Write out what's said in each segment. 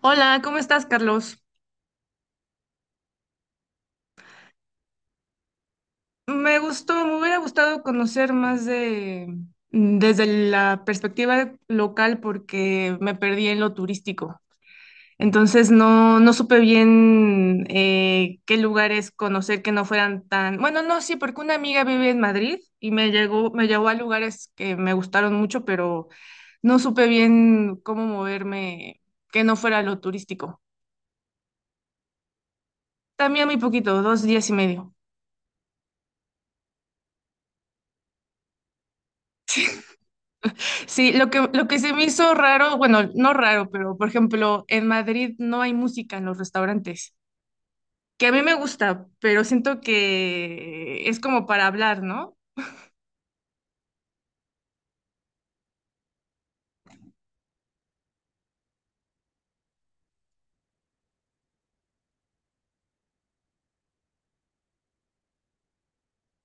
Hola, ¿cómo estás, Carlos? Me gustó, me hubiera gustado conocer más de desde la perspectiva local porque me perdí en lo turístico. Entonces no supe bien qué lugares conocer que no fueran tan... Bueno, no, sí, porque una amiga vive en Madrid y me llegó, me llevó a lugares que me gustaron mucho, pero no supe bien cómo moverme que no fuera lo turístico. También muy poquito, dos días y medio. Sí, lo que se me hizo raro, bueno, no raro, pero por ejemplo, en Madrid no hay música en los restaurantes, que a mí me gusta, pero siento que es como para hablar, ¿no?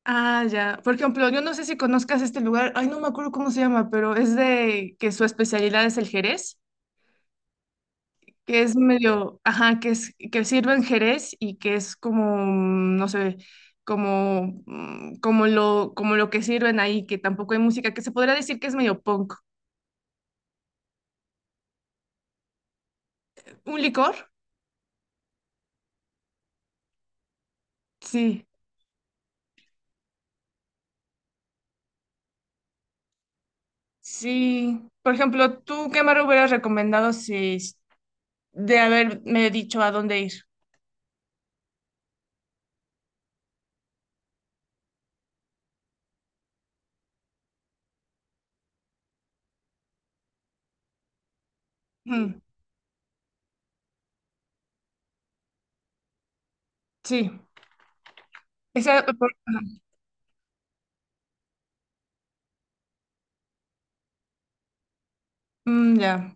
Ah, ya. Por ejemplo, yo no sé si conozcas este lugar, ay, no me acuerdo cómo se llama, pero es de que su especialidad es el Jerez, que es medio, ajá, que es que sirven Jerez y que es como, no sé, como lo que sirven ahí, que tampoco hay música, que se podría decir que es medio punk. Un licor. Sí, sí. Por ejemplo, ¿tú qué me hubieras recomendado si s- de haberme dicho a dónde ir? Mm, sí. Esa, mm, ya.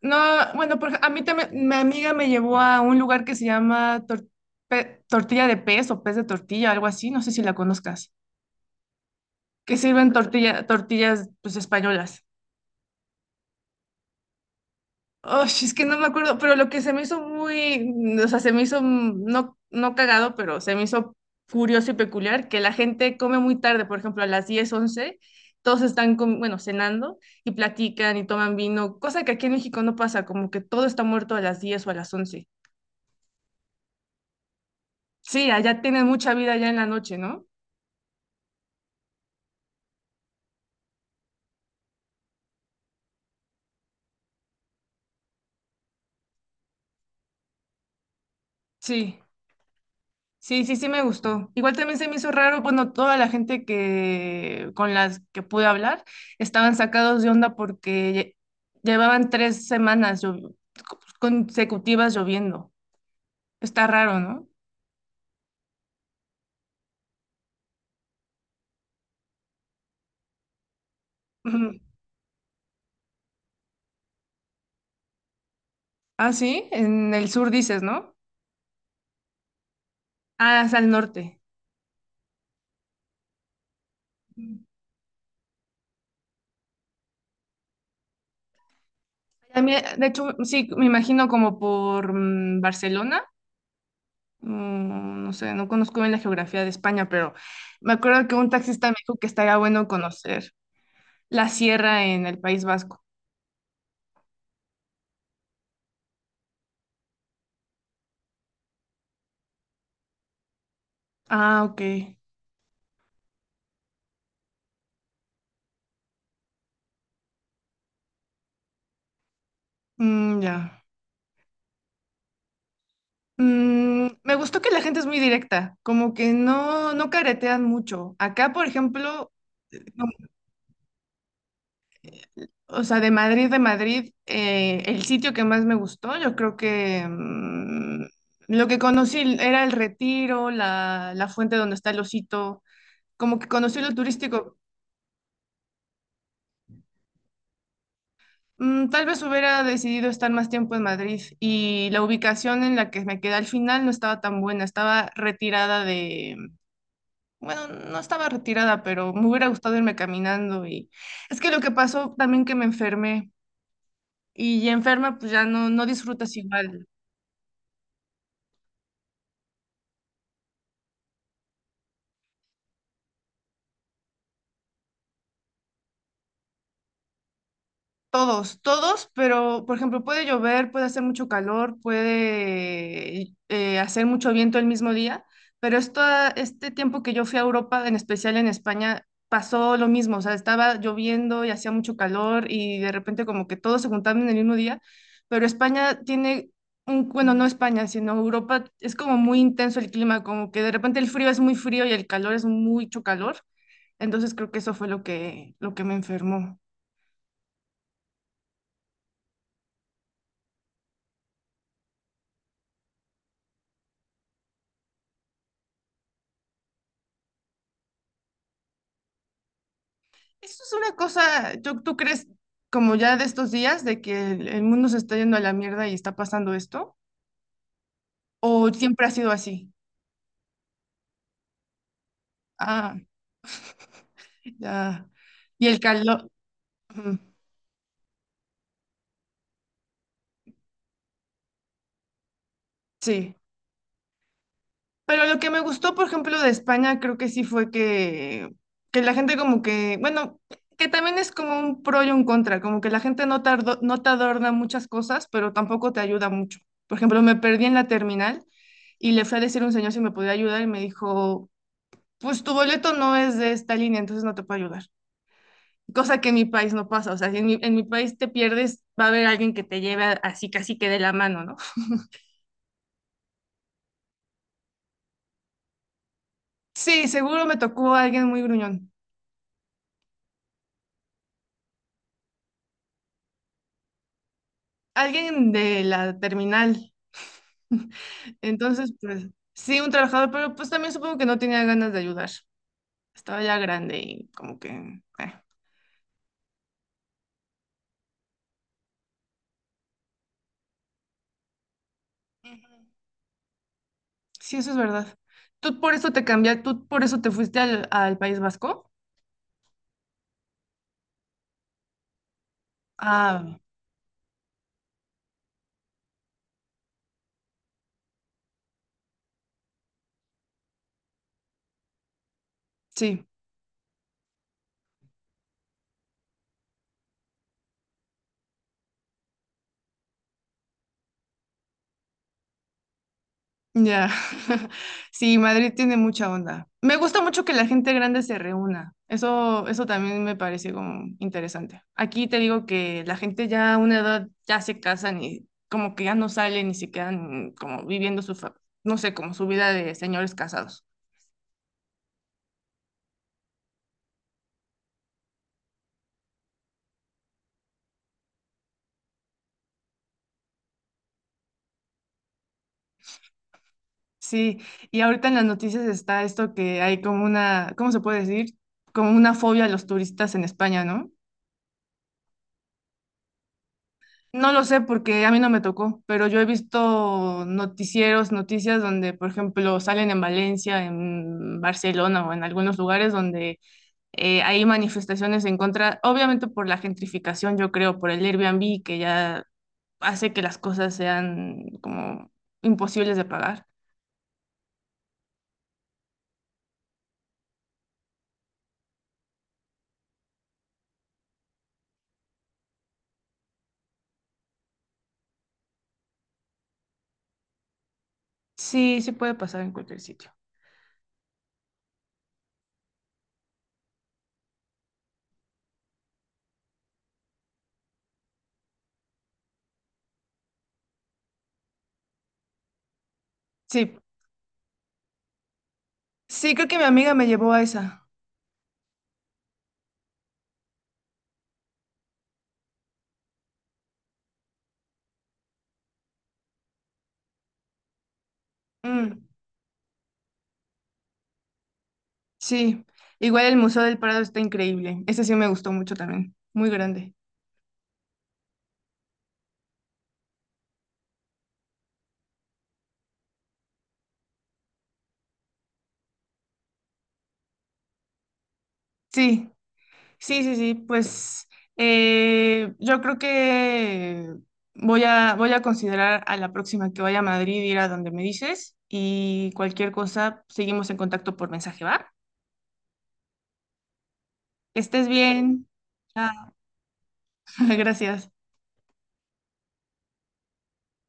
No, bueno, por a mí también, mi amiga me llevó a un lugar que se llama tortilla de pez o pez de tortilla, algo así, no sé si la conozcas, que sirven tortilla, tortillas pues españolas. Oh, es que no me acuerdo, pero lo que se me hizo muy, o sea, se me hizo no, no cagado, pero se me hizo curioso y peculiar que la gente come muy tarde, por ejemplo, a las 10, 11, todos están, bueno, cenando y platican y toman vino, cosa que aquí en México no pasa, como que todo está muerto a las 10 o a las 11. Sí, allá tienen mucha vida ya en la noche, ¿no? Sí. Sí, sí, sí me gustó. Igual también se me hizo raro, bueno, toda la gente que con las que pude hablar estaban sacados de onda porque llevaban tres semanas consecutivas lloviendo. Está raro, ¿no? Ujú. Ah, sí, en el sur dices, ¿no? Ah, es al norte. Ujú. También, de hecho, sí, me imagino como por Barcelona. Mm, no sé, no conozco bien la geografía de España, pero me acuerdo que un taxista me dijo que estaría bueno conocer. La sierra en el País Vasco. Ah, ok. Mm, ya. Mm, me gustó que la gente es muy directa, como que no caretean mucho. Acá, por ejemplo, no, o sea, de Madrid, el sitio que más me gustó, yo creo que lo que conocí era el Retiro, la fuente donde está el Osito, como que conocí lo turístico. Mm, tal vez hubiera decidido estar más tiempo en Madrid y la ubicación en la que me quedé al final no estaba tan buena, estaba retirada de, bueno, no estaba retirada, pero me hubiera gustado irme caminando, y es que lo que pasó también que me enfermé y ya enferma pues ya no disfrutas igual. Todos, todos, pero por ejemplo puede llover, puede hacer mucho calor, puede hacer mucho viento el mismo día, pero esto, este tiempo que yo fui a Europa, en especial en España, pasó lo mismo, o sea, estaba lloviendo y hacía mucho calor y de repente como que todos se juntaban en el mismo día, pero España tiene, un, bueno, no España, sino Europa, es como muy intenso el clima, como que de repente el frío es muy frío y el calor es mucho calor, entonces creo que eso fue lo que me enfermó. Eso es una cosa, yo ¿tú crees como ya de estos días de que el mundo se está yendo a la mierda y está pasando esto? ¿O siempre ha sido así? Ah, ya. Y el calor, ujú, sí. Pero lo que me gustó, por ejemplo, de España, creo que sí fue que la gente como que, bueno, que también es como un pro y un contra, como que la gente no te, no te adorna muchas cosas, pero tampoco te ayuda mucho. Por ejemplo, me perdí en la terminal y le fui a decir a un señor si me podía ayudar y me dijo... pues tu boleto no es de esta línea, entonces no te puedo ayudar. Cosa que en mi país no pasa, o sea, si en en mi país te pierdes, va a haber alguien que te lleve así casi que de la mano, ¿no? Sí, seguro me tocó alguien muy gruñón, alguien de la terminal. Entonces, pues sí, un trabajador, pero pues también supongo que no tenía ganas de ayudar. Estaba ya grande y como que... Sí, eso es verdad. ¿Tú por eso te cambiaste, tú por eso te fuiste al País Vasco? Ah, sí. Ya, sí, Madrid tiene mucha onda. Me gusta mucho que la gente grande se reúna. Eso también me parece como interesante. Aquí te digo que la gente ya a una edad ya se casan y como que ya no salen y se quedan como viviendo su, no sé, como su vida de señores casados. Sí, y ahorita en las noticias está esto que hay como una, ¿cómo se puede decir? Como una fobia a los turistas en España, ¿no? No lo sé porque a mí no me tocó, pero yo he visto noticieros, noticias donde, por ejemplo, salen en Valencia, en Barcelona o en algunos lugares donde hay manifestaciones en contra, obviamente por la gentrificación, yo creo, por el Airbnb que ya hace que las cosas sean como imposibles de pagar. Sí, sí puede pasar en cualquier sitio. Sí, sí, creo que mi amiga me llevó a esa. Mm, sí, igual el Museo del Prado está increíble. Ese sí me gustó mucho también, muy grande. Sí. Sí, sí, sí, pues yo creo que voy a considerar a la próxima que vaya a Madrid ir a donde me dices y cualquier cosa seguimos en contacto por mensaje, ¿va? Que estés bien. Ah, gracias.